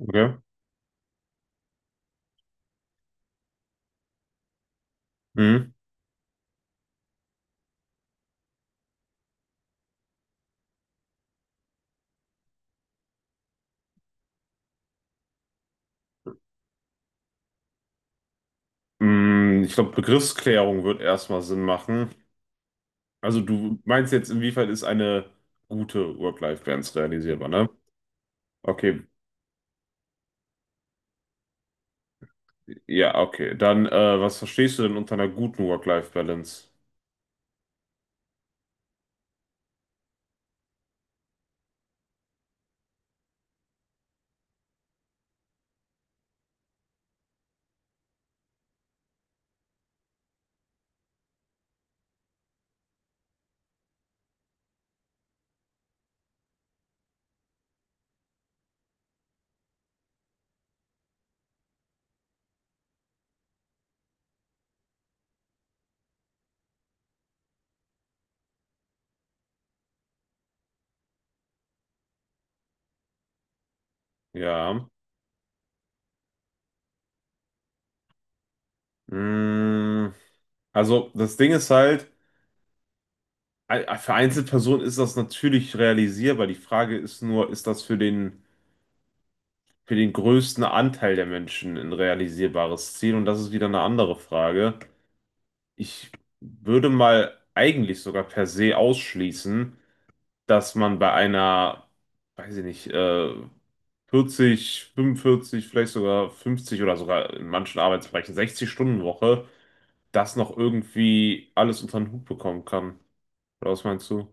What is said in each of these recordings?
Okay. Mhm. Ich glaube, Begriffsklärung wird erstmal Sinn machen. Also du meinst jetzt, inwiefern ist eine gute Work-Life-Balance realisierbar, ne? Okay, ja, okay. Dann, was verstehst du denn unter einer guten Work-Life-Balance? Ja. Mm, Also das Ding ist halt, für Einzelpersonen ist das natürlich realisierbar. Die Frage ist nur, ist das für den größten Anteil der Menschen ein realisierbares Ziel? Und das ist wieder eine andere Frage. Ich würde mal eigentlich sogar per se ausschließen, dass man bei einer, weiß ich nicht, 40, 45, vielleicht sogar 50 oder sogar in manchen Arbeitsbereichen 60-Stunden-Woche das noch irgendwie alles unter den Hut bekommen kann. Oder was meinst du?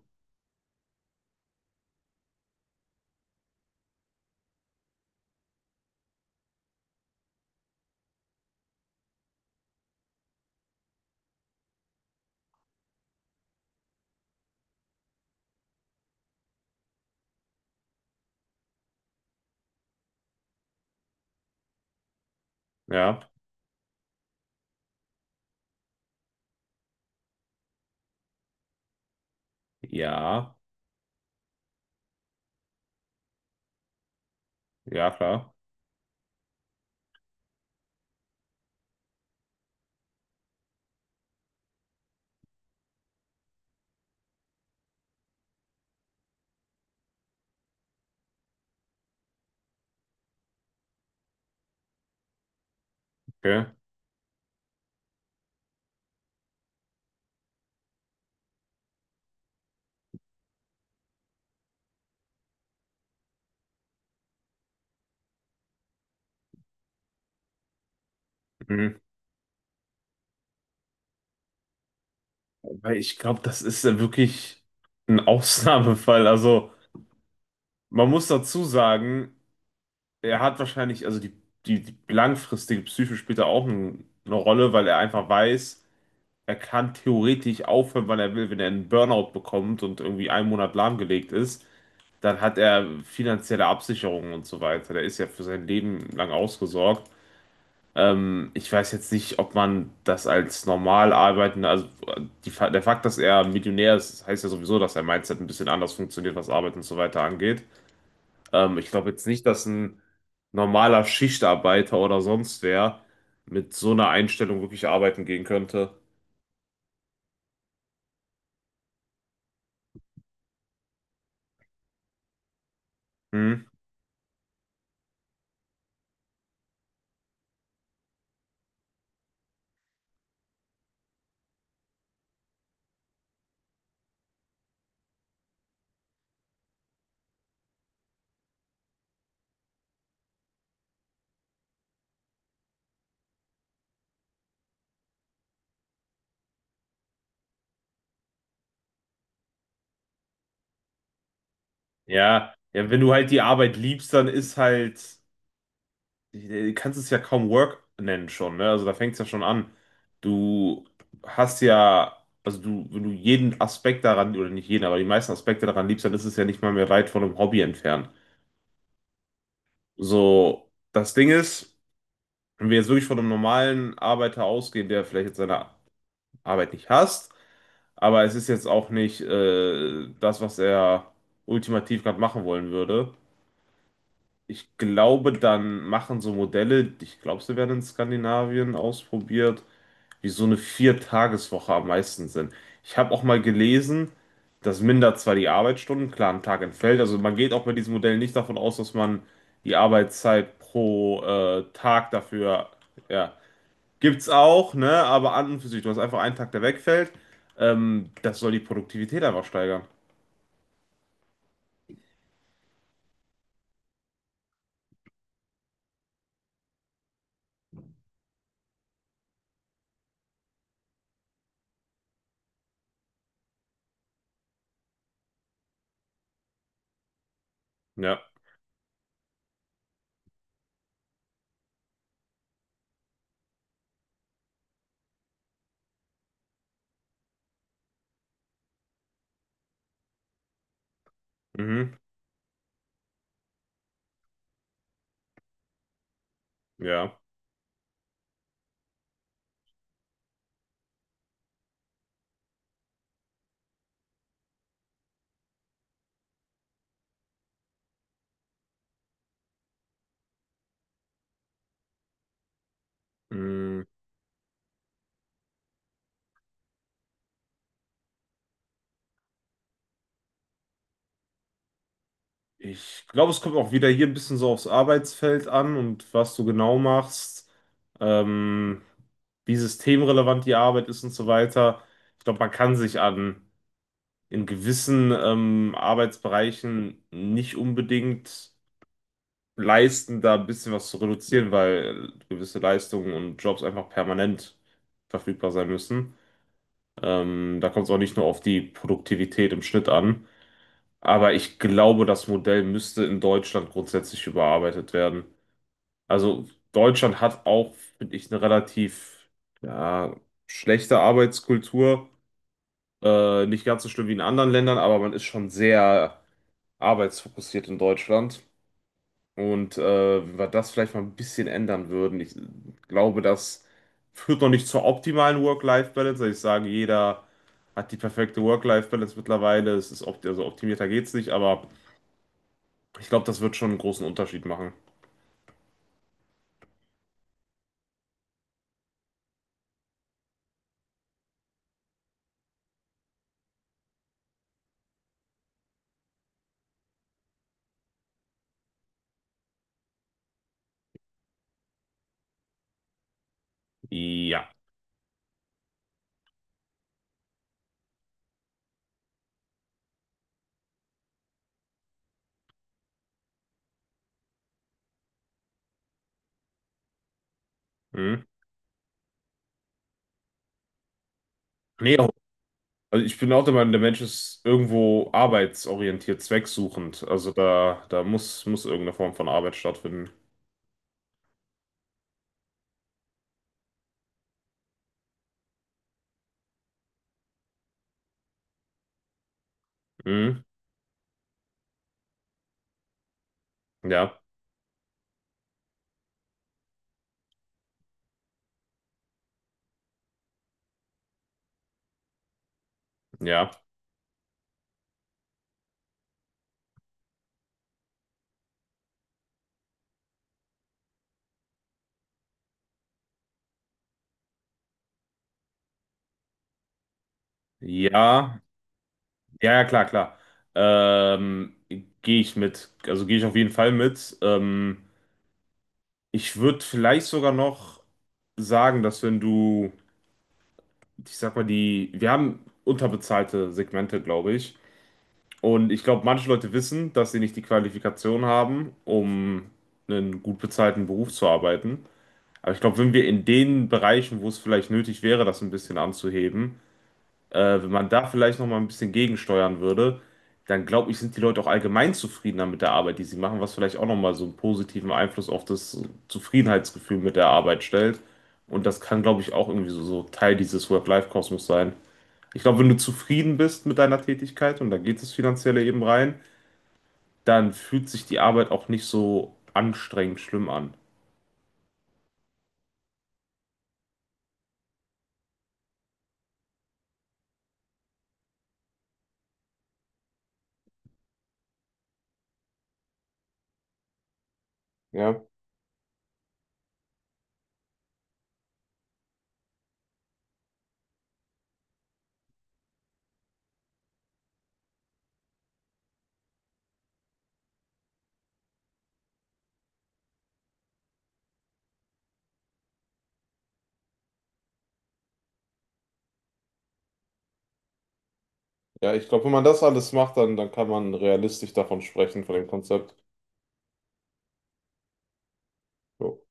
Ja, ja, ja, klar. Okay. Mhm. Weil ich glaube, das ist ja wirklich ein Ausnahmefall. Also, man muss dazu sagen, er hat wahrscheinlich, also die langfristige Psyche spielt da auch eine Rolle, weil er einfach weiß, er kann theoretisch aufhören, wann er will. Wenn er einen Burnout bekommt und irgendwie einen Monat lahmgelegt ist, dann hat er finanzielle Absicherungen und so weiter. Der ist ja für sein Leben lang ausgesorgt. Ich weiß jetzt nicht, ob man das als normal arbeitender, also die, der Fakt, dass er Millionär ist, heißt ja sowieso, dass sein Mindset ein bisschen anders funktioniert, was Arbeit und so weiter angeht. Ich glaube jetzt nicht, dass ein normaler Schichtarbeiter oder sonst wer mit so einer Einstellung wirklich arbeiten gehen könnte. Hm? Ja, ja, wenn du halt die Arbeit liebst, dann ist halt, du kannst es ja kaum Work nennen schon, ne? Also da fängt es ja schon an. Du hast ja, also du, wenn du jeden Aspekt daran, oder nicht jeden, aber die meisten Aspekte daran liebst, dann ist es ja nicht mal mehr weit von einem Hobby entfernt. So, das Ding ist, wenn wir jetzt wirklich von einem normalen Arbeiter ausgehen, der vielleicht jetzt seine Arbeit nicht hasst, aber es ist jetzt auch nicht das, was er ultimativ gerade machen wollen würde. Ich glaube, dann machen so Modelle, ich glaube, sie werden in Skandinavien ausprobiert, wie so eine Viertageswoche am meisten Sinn. Ich habe auch mal gelesen, das mindert zwar die Arbeitsstunden, klar, am Tag entfällt, also man geht auch bei diesem Modell nicht davon aus, dass man die Arbeitszeit pro Tag dafür, ja, gibt's auch, ne? Aber an und für sich, du hast einfach einen Tag, der wegfällt. Das soll die Produktivität einfach steigern. Ja. Mhm. Ja. Mhm. Ich glaube, es kommt auch wieder hier ein bisschen so aufs Arbeitsfeld an und was du genau machst, ähm, wie systemrelevant die Arbeit ist und so weiter. Ich glaube, man kann sich an in gewissen Arbeitsbereichen nicht unbedingt leisten, da ein bisschen was zu reduzieren, weil gewisse Leistungen und Jobs einfach permanent verfügbar sein müssen. Da kommt es auch nicht nur auf die Produktivität im Schnitt an. Aber ich glaube, das Modell müsste in Deutschland grundsätzlich überarbeitet werden. Also Deutschland hat auch, finde ich, eine relativ ja, schlechte Arbeitskultur. Nicht ganz so schlimm wie in anderen Ländern, aber man ist schon sehr arbeitsfokussiert in Deutschland. Und wenn wir das vielleicht mal ein bisschen ändern würden, ich glaube, das führt noch nicht zur optimalen Work-Life-Balance. Also ich sage, jeder hat die perfekte Work-Life-Balance mittlerweile. Es ist opt also optimierter geht's nicht, aber ich glaube, das wird schon einen großen Unterschied machen. Ja. Hm. Nee, also ich bin auch der Meinung, der Mensch ist irgendwo arbeitsorientiert, zwecksuchend. Also da, muss irgendeine Form von Arbeit stattfinden. Hm. Ja, ja. Ja, ja, ja, klar, klar. Ähm, gehe ich mit. Also gehe ich auf jeden Fall mit. Ich würde vielleicht sogar noch sagen, dass wenn du, ich sag mal, die, wir haben unterbezahlte Segmente, glaube ich. Und ich glaube, manche Leute wissen, dass sie nicht die Qualifikation haben, um einen gut bezahlten Beruf zu arbeiten. Aber ich glaube, wenn wir in den Bereichen, wo es vielleicht nötig wäre, das ein bisschen anzuheben, äh, wenn man da vielleicht noch mal ein bisschen gegensteuern würde, dann glaube ich, sind die Leute auch allgemein zufriedener mit der Arbeit, die sie machen, was vielleicht auch noch mal so einen positiven Einfluss auf das Zufriedenheitsgefühl mit der Arbeit stellt. Und das kann, glaube ich, auch irgendwie so, so Teil dieses Work-Life-Kosmos sein. Ich glaube, wenn du zufrieden bist mit deiner Tätigkeit und da geht es finanzielle eben rein, dann fühlt sich die Arbeit auch nicht so anstrengend schlimm an. Ja, ja, ich glaube, wenn man das alles macht, dann, dann kann man realistisch davon sprechen, von dem Konzept. Ja.